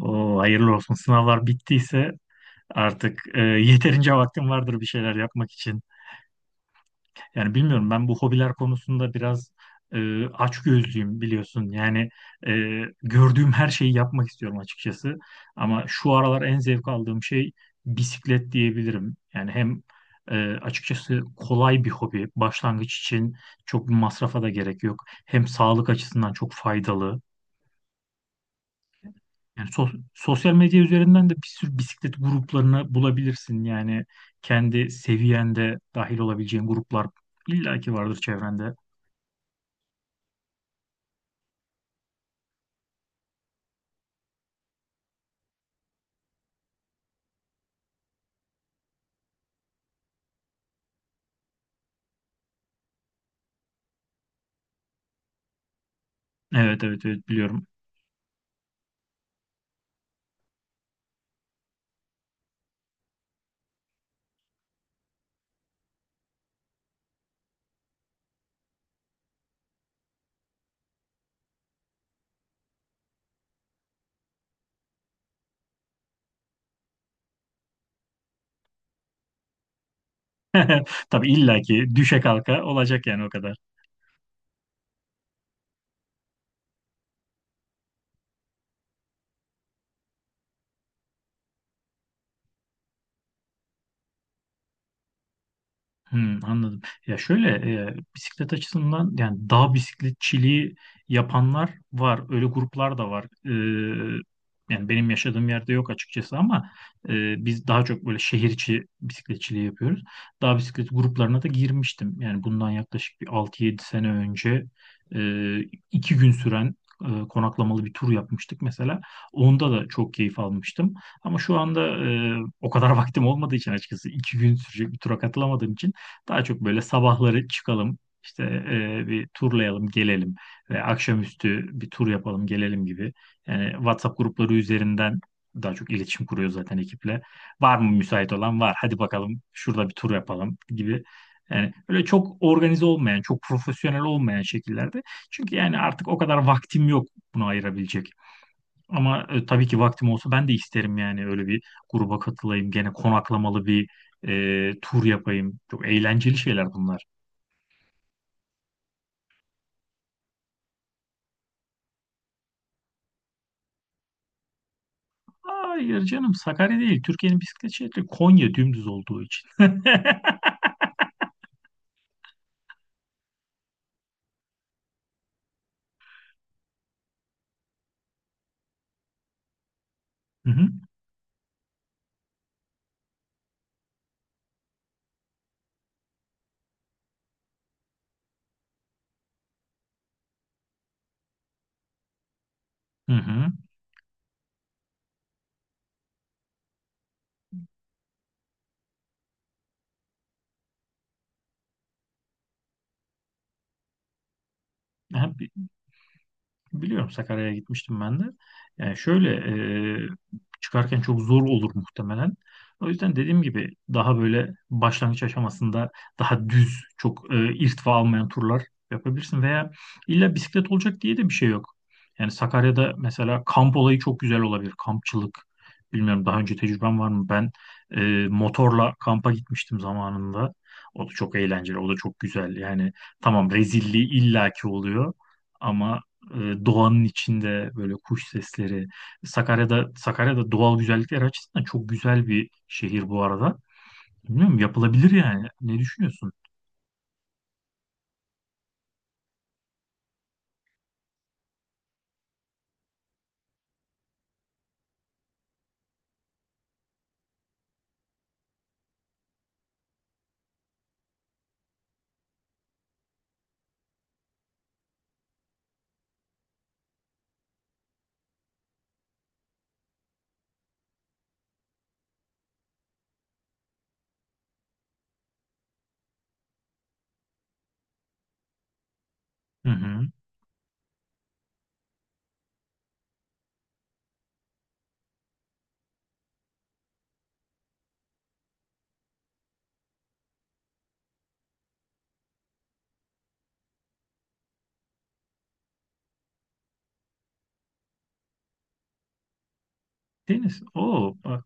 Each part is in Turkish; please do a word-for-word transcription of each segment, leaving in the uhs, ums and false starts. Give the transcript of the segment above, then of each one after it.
O hayırlı olsun. Sınavlar bittiyse artık e, yeterince vaktim vardır bir şeyler yapmak için. Yani bilmiyorum ben bu hobiler konusunda biraz e, açgözlüyüm biliyorsun. Yani e, gördüğüm her şeyi yapmak istiyorum açıkçası. Ama şu aralar en zevk aldığım şey bisiklet diyebilirim. Yani hem e, açıkçası kolay bir hobi. Başlangıç için çok bir masrafa da gerek yok. Hem sağlık açısından çok faydalı. Yani sos- sosyal medya üzerinden de bir sürü bisiklet gruplarını bulabilirsin. Yani kendi seviyende dahil olabileceğin gruplar illaki vardır çevrende. Evet evet evet biliyorum. Tabii illaki düşe kalka olacak yani o kadar. Hmm, anladım. Ya şöyle e, bisiklet açısından yani dağ bisikletçiliği yapanlar var. Öyle gruplar da var. Ee, yani benim yaşadığım yerde yok açıkçası ama e, biz daha çok böyle şehir içi bisikletçiliği yapıyoruz. Dağ bisiklet gruplarına da girmiştim. Yani bundan yaklaşık bir altı yedi sene önce e, iki gün süren e, konaklamalı bir tur yapmıştık mesela. Onda da çok keyif almıştım. Ama şu anda e, o kadar vaktim olmadığı için açıkçası iki gün sürecek bir tura katılamadığım için daha çok böyle sabahları çıkalım, işte e, bir turlayalım, gelelim ve akşamüstü bir tur yapalım, gelelim gibi. Yani WhatsApp grupları üzerinden daha çok iletişim kuruyor zaten ekiple. Var mı müsait olan? Var. Hadi bakalım şurada bir tur yapalım gibi. Yani böyle çok organize olmayan, çok profesyonel olmayan şekillerde. Çünkü yani artık o kadar vaktim yok bunu ayırabilecek. Ama e, tabii ki vaktim olsa ben de isterim yani öyle bir gruba katılayım. Gene konaklamalı bir e, tur yapayım. Çok eğlenceli şeyler bunlar. Hayır canım Sakarya değil. Türkiye'nin bisiklet şehri Konya dümdüz olduğu için. Hı hı. Hı hı. Ha, biliyorum Sakarya'ya gitmiştim ben de. Yani şöyle e, çıkarken çok zor olur muhtemelen. O yüzden dediğim gibi daha böyle başlangıç aşamasında daha düz, çok e, irtifa almayan turlar yapabilirsin. Veya illa bisiklet olacak diye de bir şey yok. Yani Sakarya'da mesela kamp olayı çok güzel olabilir. Kampçılık. Bilmiyorum daha önce tecrüben var mı? Ben e, motorla kampa gitmiştim zamanında. O da çok eğlenceli, o da çok güzel. Yani tamam rezilliği illaki oluyor. Ama e, doğanın içinde böyle kuş sesleri. Sakarya'da Sakarya'da doğal güzellikler açısından çok güzel bir şehir bu arada. Bilmiyorum yapılabilir yani. Ne düşünüyorsun? Hı hı. Deniz. Oo bak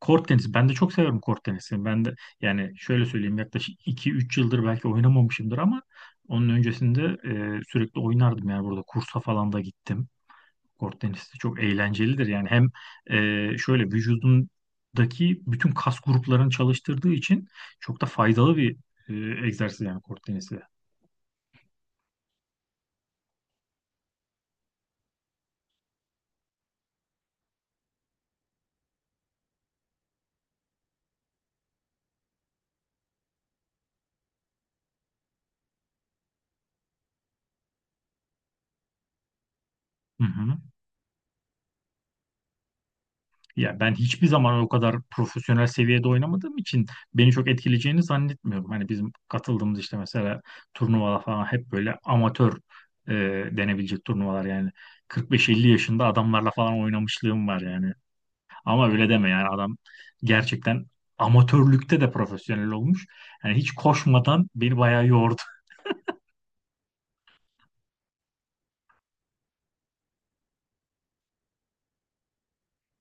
kort tenisi. Ben de çok severim kort tenisini. Ben de yani şöyle söyleyeyim yaklaşık iki üç yıldır belki oynamamışımdır ama onun öncesinde e, sürekli oynardım yani burada kursa falan da gittim. Kort tenisi de çok eğlencelidir. Yani hem e, şöyle vücudundaki bütün kas gruplarını çalıştırdığı için çok da faydalı bir e, egzersiz yani kort tenisi. Hı hı. Ya ben hiçbir zaman o kadar profesyonel seviyede oynamadığım için beni çok etkileyeceğini zannetmiyorum. Hani bizim katıldığımız işte mesela turnuvalar falan hep böyle amatör e, denebilecek turnuvalar yani kırk beş elli yaşında adamlarla falan oynamışlığım var yani. Ama öyle deme yani adam gerçekten amatörlükte de profesyonel olmuş. Yani hiç koşmadan beni bayağı yordu.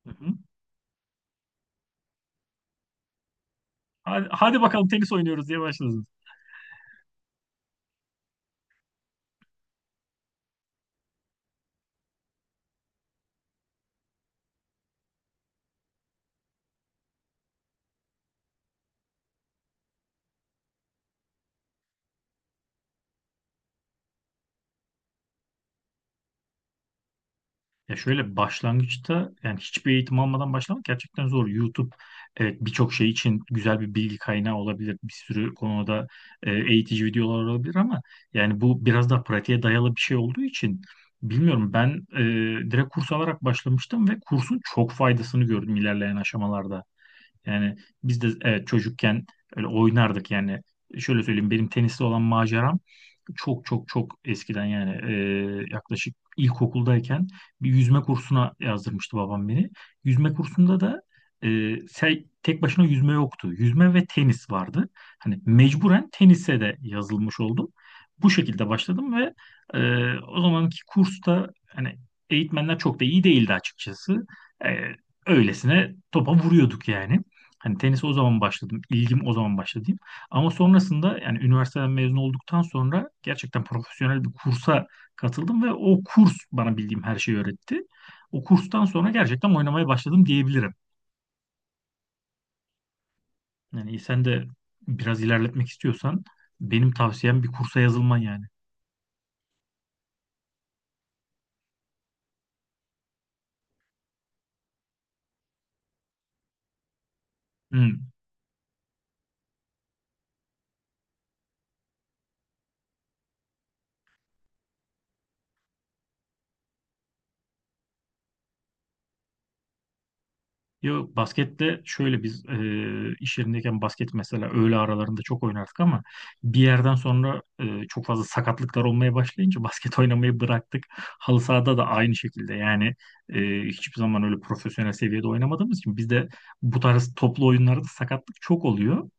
Hı hı. Hadi, hadi bakalım tenis oynuyoruz diye başladınız. Ya şöyle başlangıçta yani hiçbir eğitim almadan başlamak gerçekten zor. YouTube evet birçok şey için güzel bir bilgi kaynağı olabilir. Bir sürü konuda e, eğitici videolar olabilir ama yani bu biraz daha pratiğe dayalı bir şey olduğu için bilmiyorum ben e, direkt kurs alarak başlamıştım ve kursun çok faydasını gördüm ilerleyen aşamalarda. Yani biz de evet çocukken öyle oynardık yani. Şöyle söyleyeyim benim tenisle olan maceram çok çok çok eskiden yani e, yaklaşık ilkokuldayken bir yüzme kursuna yazdırmıştı babam beni. Yüzme kursunda da e, se- tek başına yüzme yoktu. Yüzme ve tenis vardı. Hani mecburen tenise de yazılmış oldum. Bu şekilde başladım ve e, o zamanki kursta hani eğitmenler çok da iyi değildi açıkçası. E, öylesine topa vuruyorduk yani. Hani tenise o zaman başladım. İlgim o zaman başladı diyeyim. Ama sonrasında yani üniversiteden mezun olduktan sonra gerçekten profesyonel bir kursa katıldım ve o kurs bana bildiğim her şeyi öğretti. O kurstan sonra gerçekten oynamaya başladım diyebilirim. Yani sen de biraz ilerletmek istiyorsan benim tavsiyem bir kursa yazılman yani. Hı. Yo, baskette şöyle biz e, iş yerindeyken basket mesela öğle aralarında çok oynardık ama bir yerden sonra e, çok fazla sakatlıklar olmaya başlayınca basket oynamayı bıraktık. Halı sahada da aynı şekilde yani e, hiçbir zaman öyle profesyonel seviyede oynamadığımız için bizde bu tarz toplu oyunlarda sakatlık çok oluyor.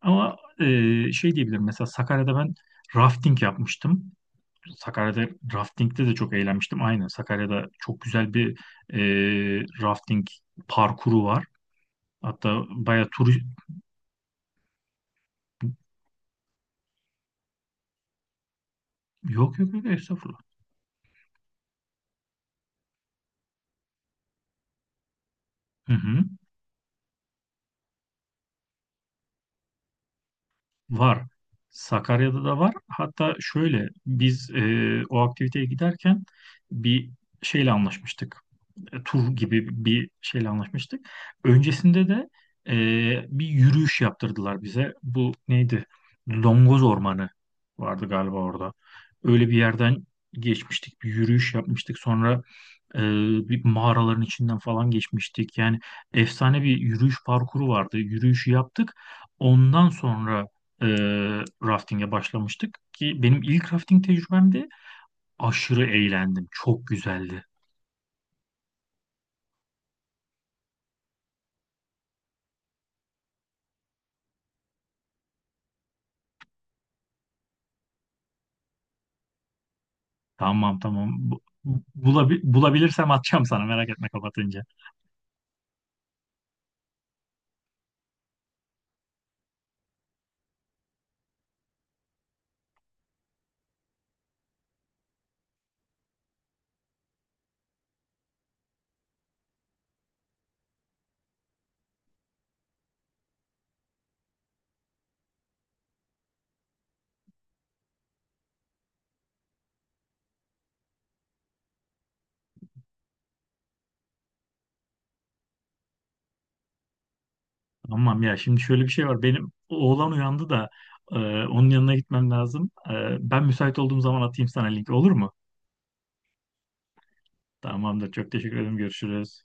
Ama e, şey diyebilirim, mesela Sakarya'da ben rafting yapmıştım. Sakarya'da raftingde de çok eğlenmiştim. Aynen Sakarya'da çok güzel bir e, rafting parkuru var. Hatta bayağı tur yok yok yok estağfurullah. Hı hı. Var. Sakarya'da da var. Hatta şöyle biz e, o aktiviteye giderken bir şeyle anlaşmıştık. E, tur gibi bir şeyle anlaşmıştık. Öncesinde de e, bir yürüyüş yaptırdılar bize. Bu neydi? Longoz Ormanı vardı galiba orada. Öyle bir yerden geçmiştik. Bir yürüyüş yapmıştık. Sonra Ee, bir mağaraların içinden falan geçmiştik. Yani efsane bir yürüyüş parkuru vardı. Yürüyüşü yaptık. Ondan sonra e, rafting'e başlamıştık ki benim ilk rafting tecrübemdi. Aşırı eğlendim. Çok güzeldi. Tamam tamam. Bu- bulabi- bulabilirsem atacağım sana, merak etme, kapatınca. Tamam, ya şimdi şöyle bir şey var. Benim oğlan uyandı da e, onun yanına gitmem lazım. E, ben müsait olduğum zaman atayım sana link, olur mu? Tamamdır. Çok teşekkür ederim. Görüşürüz.